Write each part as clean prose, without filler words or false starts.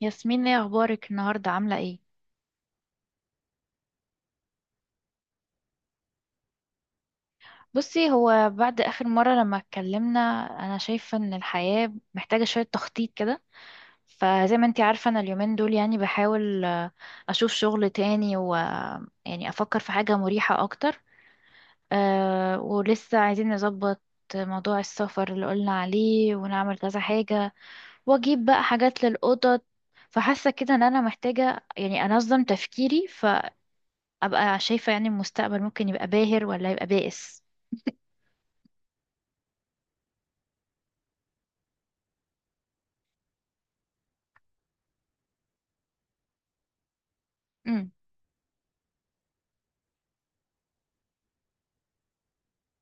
ياسمين، ايه اخبارك النهارده؟ عامله ايه؟ بصي، هو بعد اخر مره لما اتكلمنا انا شايفه ان الحياه محتاجه شويه تخطيط كده. فزي ما انتي عارفه انا اليومين دول يعني بحاول اشوف شغل تاني، و يعني افكر في حاجه مريحه اكتر. أه، ولسه عايزين نظبط موضوع السفر اللي قلنا عليه ونعمل كذا حاجه، واجيب بقى حاجات للاوضه. فحاسه كده ان انا محتاجه يعني انظم تفكيري، ابقى شايفة يعني المستقبل ممكن يبقى باهر ولا يبقى بائس. امم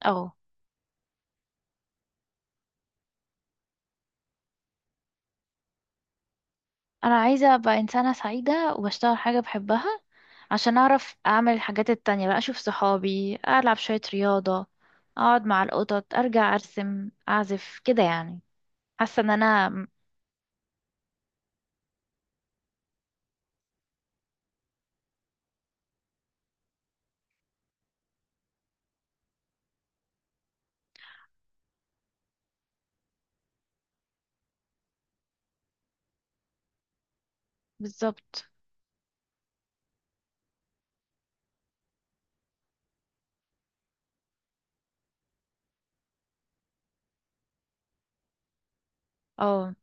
اه، انا عايزة ابقى انسانة سعيدة واشتغل حاجة بحبها، عشان اعرف اعمل الحاجات التانية بقى. اشوف صحابي، العب شوية رياضة، اقعد مع القطط، ارجع ارسم اعزف كده يعني. حاسة ان انا بالظبط. اه،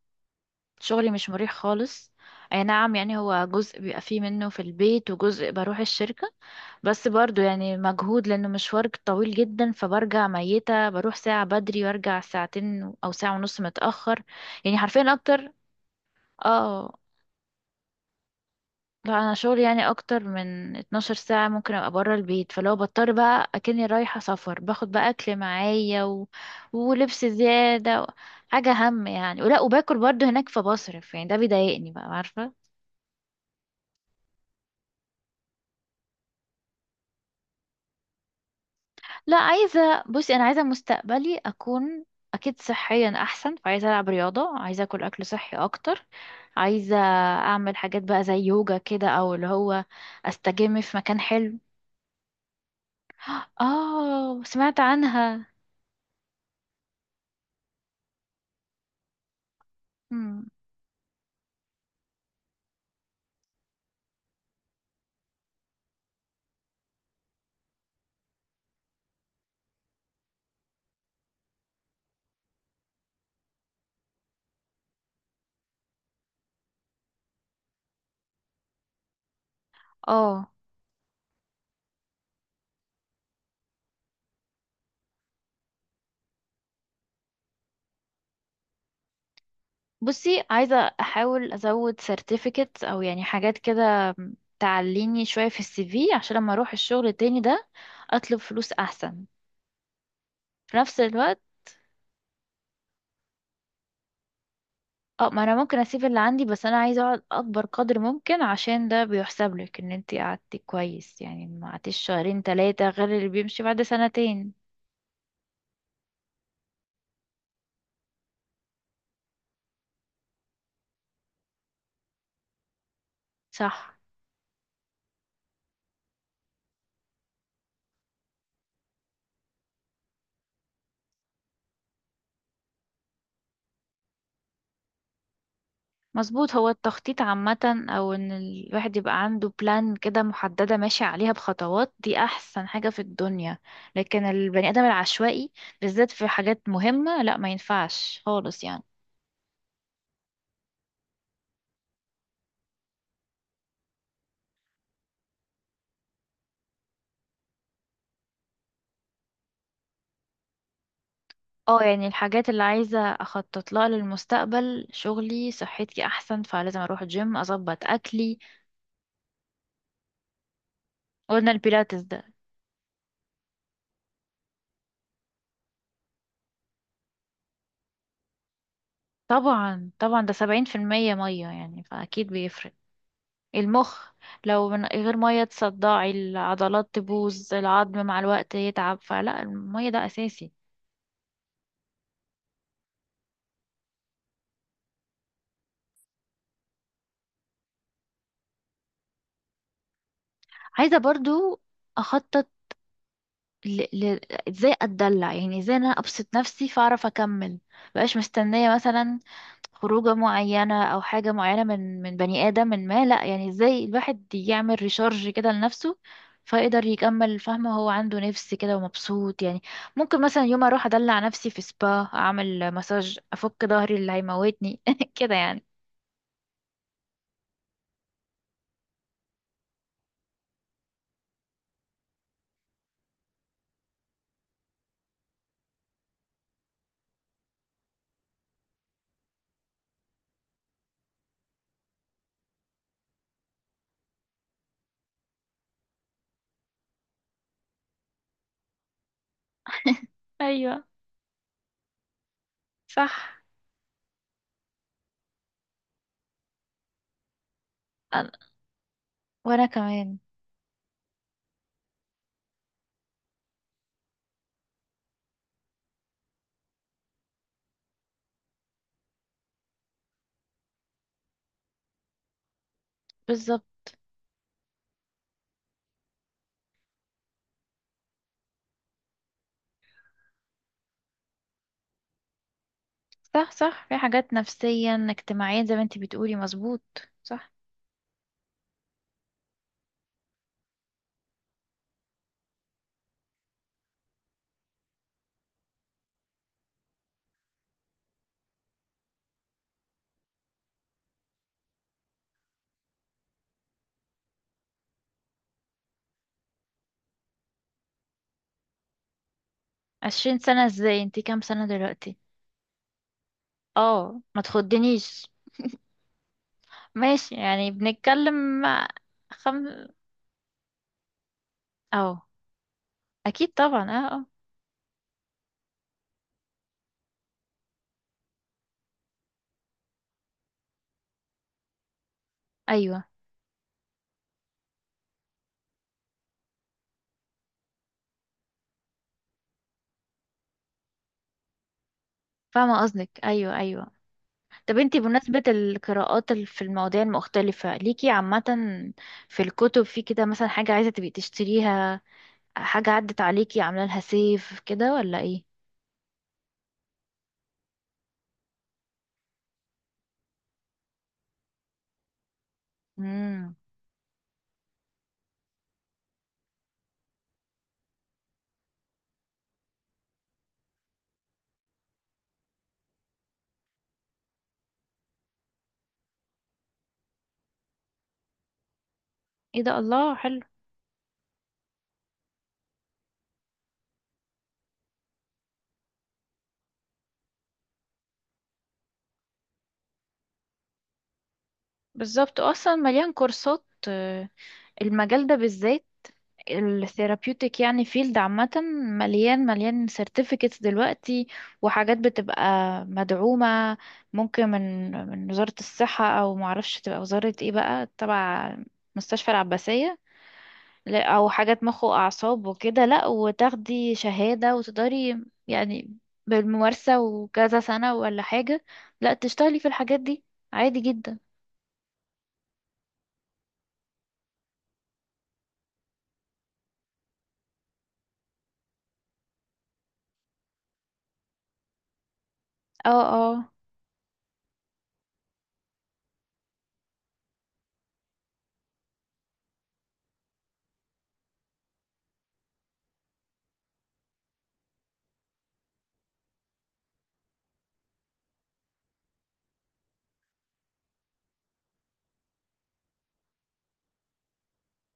شغلي مش مريح خالص. اي نعم، يعني هو جزء بيبقى فيه منه في البيت وجزء بروح الشركة، بس برضو يعني مجهود لأنه مشوار طويل جدا. فبرجع ميتة، بروح ساعة بدري وارجع ساعتين أو ساعة ونص متأخر، يعني حرفيا أكتر. اه، لا أنا شغلي يعني أكتر من 12 ساعة ممكن أبقى برا البيت. فلو بضطر بقى أكني رايحة سفر، باخد بقى أكل معايا و... ولبس زيادة و... حاجة هم يعني. ولا وباكل برضو هناك فبصرف، يعني ده بيضايقني بقى، عارفة. لا، عايزة. بصي أنا عايزة مستقبلي أكون أكيد صحيا أحسن، فعايزة ألعب رياضة، عايزة أكل أكل صحي أكتر. عايزة أعمل حاجات بقى زي يوجا كده، أو اللي هو أستجم في مكان حلو. آه، سمعت عنها. مم. آه، بصي عايزة أحاول أزود سيرتيفيكت أو يعني حاجات كده تعليني شوية في السي في، عشان لما أروح الشغل التاني ده أطلب فلوس أحسن. في نفس الوقت اه، ما انا ممكن اسيب اللي عندي، بس انا عايزه اقعد اكبر قدر ممكن عشان ده بيحسب لك ان انت قعدتي كويس، يعني ما قعدتيش شهرين ثلاثه غير اللي بيمشي بعد سنتين. صح، مظبوط. هو التخطيط عامه، او ان الواحد يبقى عنده بلان كده محدده ماشي عليها بخطوات، دي احسن حاجه في الدنيا. لكن البني ادم العشوائي بالذات في حاجات مهمه، لا ما ينفعش خالص يعني. اه، يعني الحاجات اللي عايزة اخطط لها للمستقبل، شغلي، صحتي احسن فلازم اروح جيم اظبط اكلي. قلنا البيلاتس ده. طبعا طبعا، ده 70% مية يعني، فاكيد بيفرق المخ. لو من غير مية تصدعي، العضلات تبوظ، العظم مع الوقت يتعب، فلا، المية ده اساسي. عايزة برضو اخطط ل... ل... ازاي اتدلع، يعني ازاي إن انا ابسط نفسي فاعرف اكمل. مبقاش مستنية مثلا خروجة معينة أو حاجة معينة من بني آدم، من ما، لأ. يعني ازاي الواحد يعمل ريشارج كده لنفسه فيقدر يكمل، فاهمة؟ هو عنده نفس كده ومبسوط يعني. ممكن مثلا يوم أروح أدلع نفسي في سبا، أعمل مساج، أفك ظهري اللي هيموتني كده يعني. أيوة، صح. أنا وأنا كمان. بالظبط. صح صح، في حاجات نفسيا اجتماعيا زي ما انتي بتقولي، مظبوط. صح. 20 سنة؟ ازاي، انتي كام سنة دلوقتي؟ اه، ما تخدنيش. ماشي، يعني بنتكلم. خم. أو أكيد طبعا، اه اه. أيوه، فاهمة قصدك، أيوه أيوه. طب انتي بمناسبة القراءات في المواضيع المختلفة ليكي عامة، في الكتب في كده، مثلا حاجة عايزة تبقي تشتريها، حاجة عدت عليكي عاملة لها سيف كده، ولا ايه؟ مم. ايه ده، الله، حلو. بالظبط، اصلا مليان كورسات. المجال ده بالذات، الثيرابيوتيك يعني، فيلد عامة مليان مليان سيرتيفيكتس دلوقتي. وحاجات بتبقى مدعومة، ممكن من وزارة الصحة، أو معرفش تبقى وزارة ايه بقى، تبع مستشفى العباسية. لا، أو حاجات مخ وأعصاب وكده، لأ، وتاخدي شهادة وتقدري يعني بالممارسة وكذا سنة ولا حاجة، لأ، تشتغلي في الحاجات دي عادي جدا. اه اه.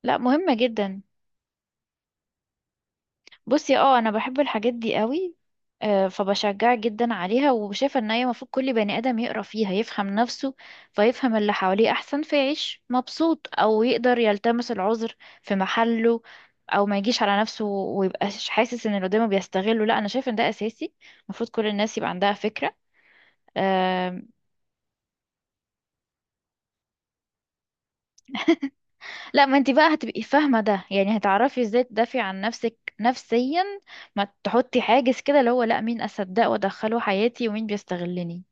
لأ، مهمة جدا. بصي اه، انا بحب الحاجات دي قوي. فبشجعك جدا عليها، وشايفه ان هي المفروض كل بني ادم يقرا فيها، يفهم نفسه فيفهم اللي حواليه احسن، فيعيش مبسوط، او يقدر يلتمس العذر في محله، او ما يجيش على نفسه ويبقاش حاسس ان اللي قدامه بيستغله. لا، انا شايفه ان ده اساسي، المفروض كل الناس يبقى عندها فكره. آم. لا، ما انت بقى هتبقي فاهمه ده، يعني هتعرفي ازاي تدافعي عن نفسك نفسيا، ما تحطي حاجز كده اللي هو لا، مين اصدق وادخله حياتي ومين بيستغلني.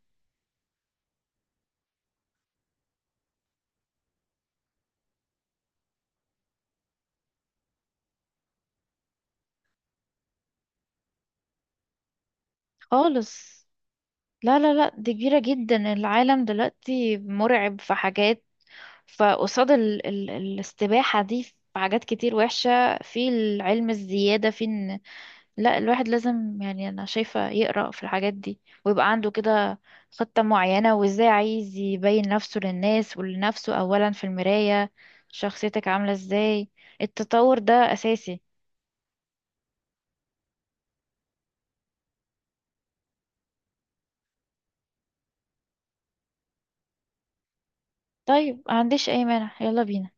خالص. لا لا لا، دي كبيرة جدا، العالم دلوقتي مرعب، في حاجات. فقصاد ال الاستباحة دي في حاجات كتير وحشة، في العلم الزيادة في ان، لا، الواحد لازم، يعني انا شايفة، يقرأ في الحاجات دي، ويبقى عنده كده خطة معينة، وازاي عايز يبين نفسه للناس ولنفسه اولا في المراية، شخصيتك عاملة ازاي. التطور ده اساسي. طيب، ما عنديش اي مانع، يلا بينا.